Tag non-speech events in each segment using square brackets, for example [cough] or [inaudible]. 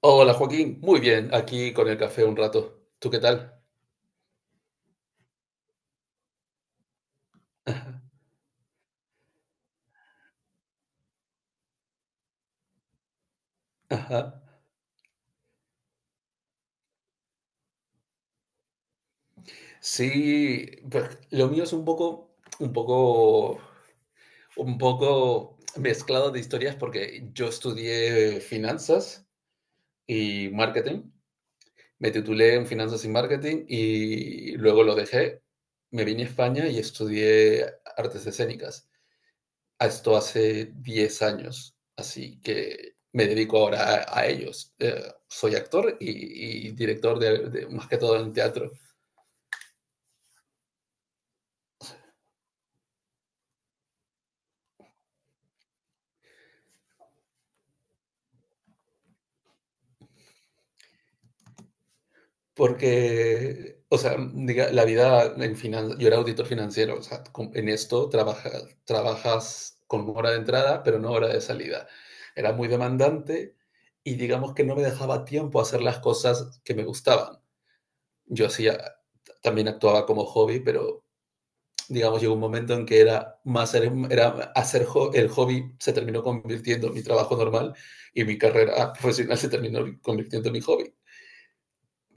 Hola Joaquín, muy bien, aquí con el café un rato. ¿Tú qué tal? Ajá. Sí, pues lo mío es un poco mezclado de historias porque yo estudié finanzas y marketing, me titulé en finanzas y marketing y luego lo dejé, me vine a España y estudié artes escénicas. A esto hace 10 años, así que me dedico ahora a ellos. Soy actor y, director de más que todo en teatro, porque, o sea, la vida en finanzas, yo era auditor financiero, o sea, en esto trabajas con hora de entrada, pero no hora de salida. Era muy demandante y digamos que no me dejaba tiempo a hacer las cosas que me gustaban. Yo hacía, también actuaba como hobby, pero digamos, llegó un momento en que era más era hacer jo, el hobby se terminó convirtiendo en mi trabajo normal y mi carrera profesional se terminó convirtiendo en mi hobby.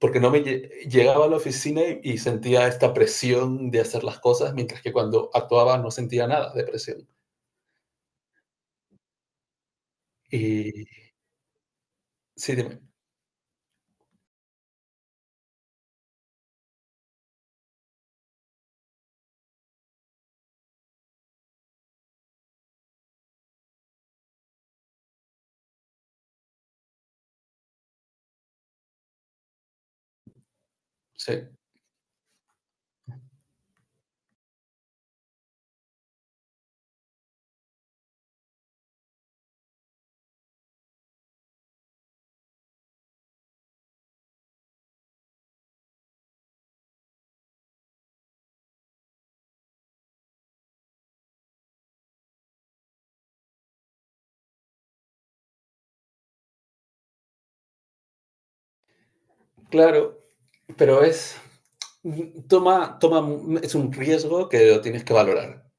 Porque no me llegaba a la oficina y sentía esta presión de hacer las cosas, mientras que cuando actuaba no sentía nada de presión. Y sí, dime, sí, claro, pero toma, toma, es un riesgo que lo tienes que valorar.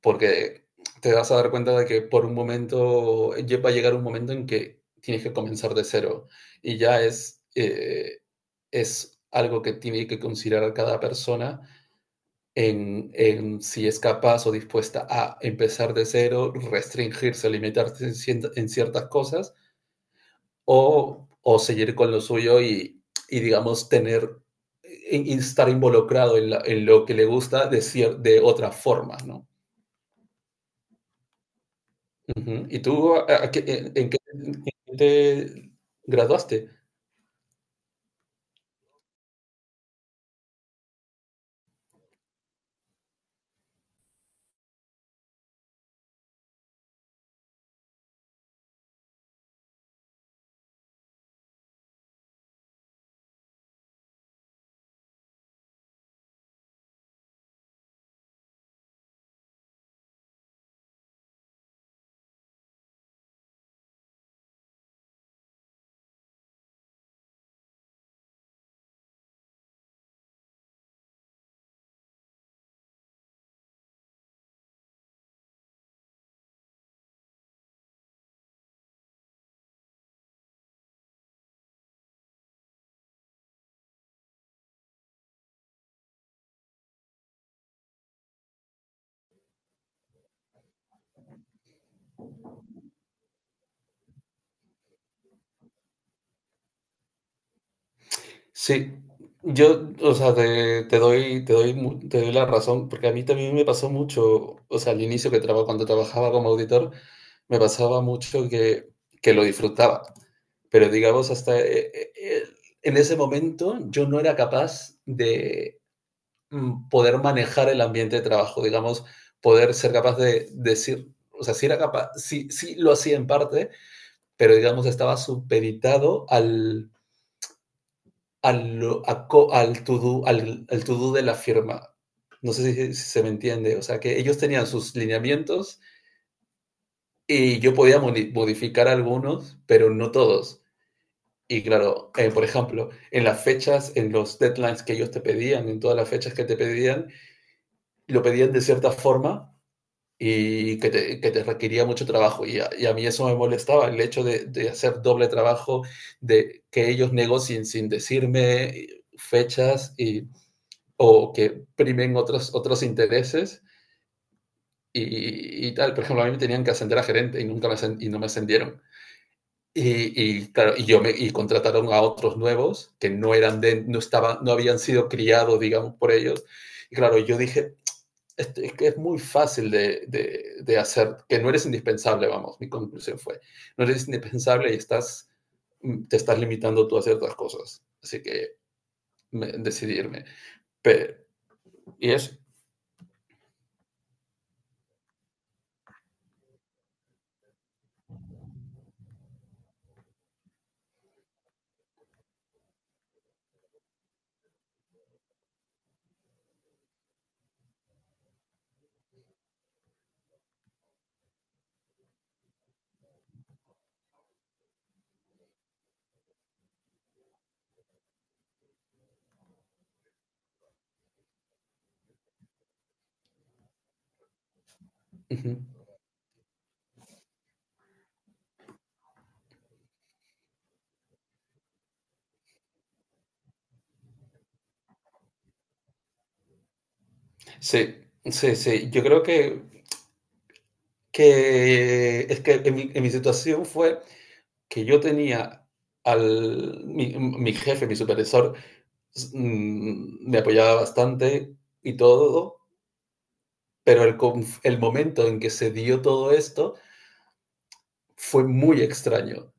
Porque te vas a dar cuenta de que por un momento va a llegar un momento en que tienes que comenzar de cero y ya es algo que tiene que considerar cada persona si es capaz o dispuesta a empezar de cero, restringirse, limitarse en ciertas cosas o seguir con lo suyo y digamos, y estar involucrado en lo que le gusta de otra forma, ¿no? Ujú. ¿Y tú a qué en qué te graduaste? Sí, yo, o sea, te doy la razón, porque a mí también me pasó mucho, o sea, al inicio que traba cuando trabajaba como auditor, me pasaba mucho que lo disfrutaba, pero digamos en ese momento yo no era capaz de poder manejar el ambiente de trabajo, digamos, poder ser capaz de decir, o sea, sí era capaz, sí sí lo hacía en parte, pero digamos estaba supeditado al, a al to-do al to-do de la firma. No sé si se me entiende, o sea que ellos tenían sus lineamientos y yo podía modificar algunos, pero no todos. Y claro, por ejemplo, en las fechas, en los deadlines que ellos te pedían, en todas las fechas que te pedían, lo pedían de cierta forma y que te requería mucho trabajo. Y a mí eso me molestaba, el hecho hacer doble trabajo, de que ellos negocien sin decirme fechas o que primen otros intereses y tal. Por ejemplo, a mí me tenían que ascender a gerente y nunca me, y no me ascendieron. Claro, y contrataron a otros nuevos que no eran de, no estaban, no habían sido criados, digamos, por ellos. Y claro, yo dije, es que es muy fácil hacer, que no eres indispensable, vamos, mi conclusión fue, no eres indispensable y te estás limitando tú a ciertas cosas, así que decidirme. Pero, y eso, uh -huh. Sí, sí, sí, yo creo que es que en mi situación fue que yo tenía mi jefe, mi supervisor, me apoyaba bastante y todo, pero el momento en que se dio todo esto fue muy extraño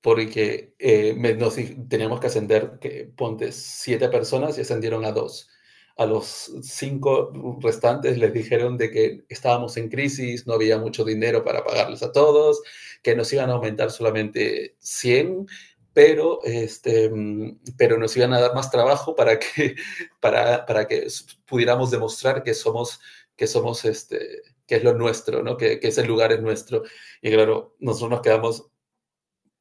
porque nos teníamos que ascender, que, ponte, siete personas y ascendieron a dos. A los cinco restantes les dijeron de que estábamos en crisis, no había mucho dinero para pagarles a todos, que nos iban a aumentar solamente 100, pero nos iban a dar más trabajo para [laughs] para que pudiéramos demostrar que somos, que somos, este, que es lo nuestro, ¿no? Que ese lugar es nuestro. Y claro, nosotros nos quedamos,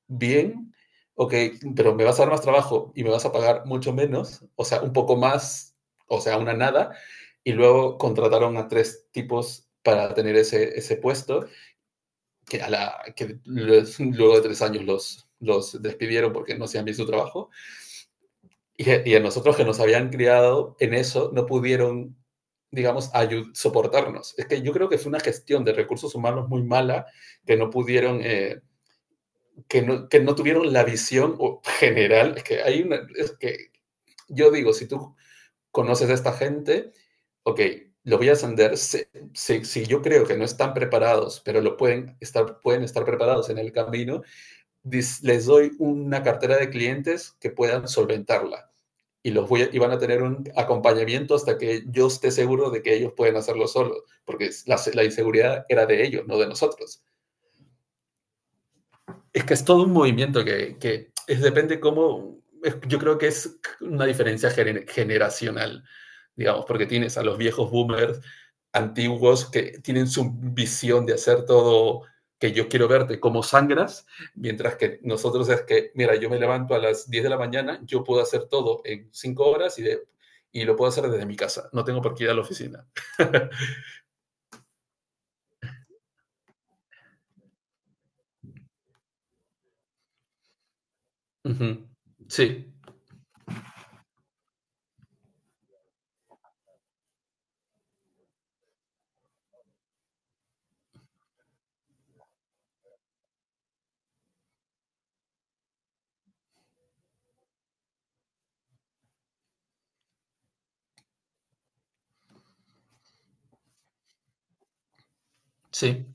bien, ok, pero me vas a dar más trabajo y me vas a pagar mucho menos, o sea, un poco más, o sea, una nada, y luego contrataron a tres tipos para tener ese puesto, que, a la, que los- luego de 3 años los despidieron porque no hacían bien su trabajo, y a nosotros que nos habían criado en eso, no pudieron, digamos, soportarnos. Es que yo creo que fue una gestión de recursos humanos muy mala que no pudieron que no tuvieron la visión general. Es que hay una. Es que yo digo, si tú conoces a esta gente, ok, lo voy a ascender. Si, si, yo creo que no están preparados, pero lo pueden estar preparados en el camino, les doy una cartera de clientes que puedan solventarla. Y van a tener un acompañamiento hasta que yo esté seguro de que ellos pueden hacerlo solos, porque la inseguridad era de ellos, no de nosotros. Es que es todo un movimiento que es, depende cómo, yo creo que es una diferencia generacional, digamos, porque tienes a los viejos boomers antiguos que tienen su visión de hacer todo que yo quiero verte como sangras, mientras que nosotros es que, mira, yo me levanto a las 10 de la mañana, yo puedo hacer todo en 5 horas y lo puedo hacer desde mi casa, no tengo por qué ir a la oficina. [laughs] uh -huh. Sí, sí,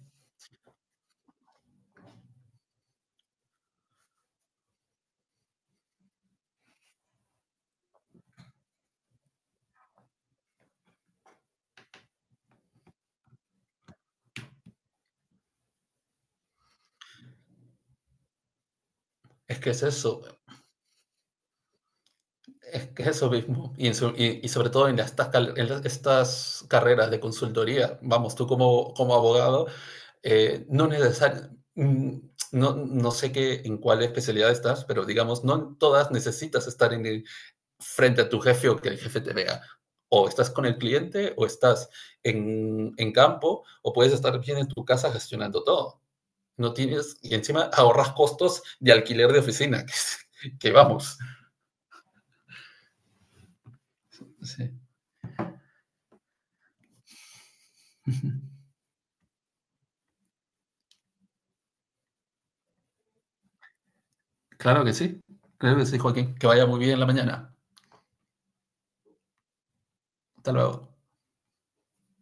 es que es eso, es que eso mismo, y sobre todo en estas, cal- en las- estas carreras de consultoría, vamos, tú como abogado, no necesariamente, no, no sé qué, en cuál especialidad estás, pero digamos, no en todas necesitas estar frente a tu jefe o que el jefe te vea. O estás con el cliente, o estás en campo, o puedes estar bien en tu casa gestionando todo. No tienes, y encima ahorras costos de alquiler de oficina, [laughs] que vamos. Sí. Claro que sí, claro que sí, Joaquín. Que vaya muy bien la mañana. Hasta luego.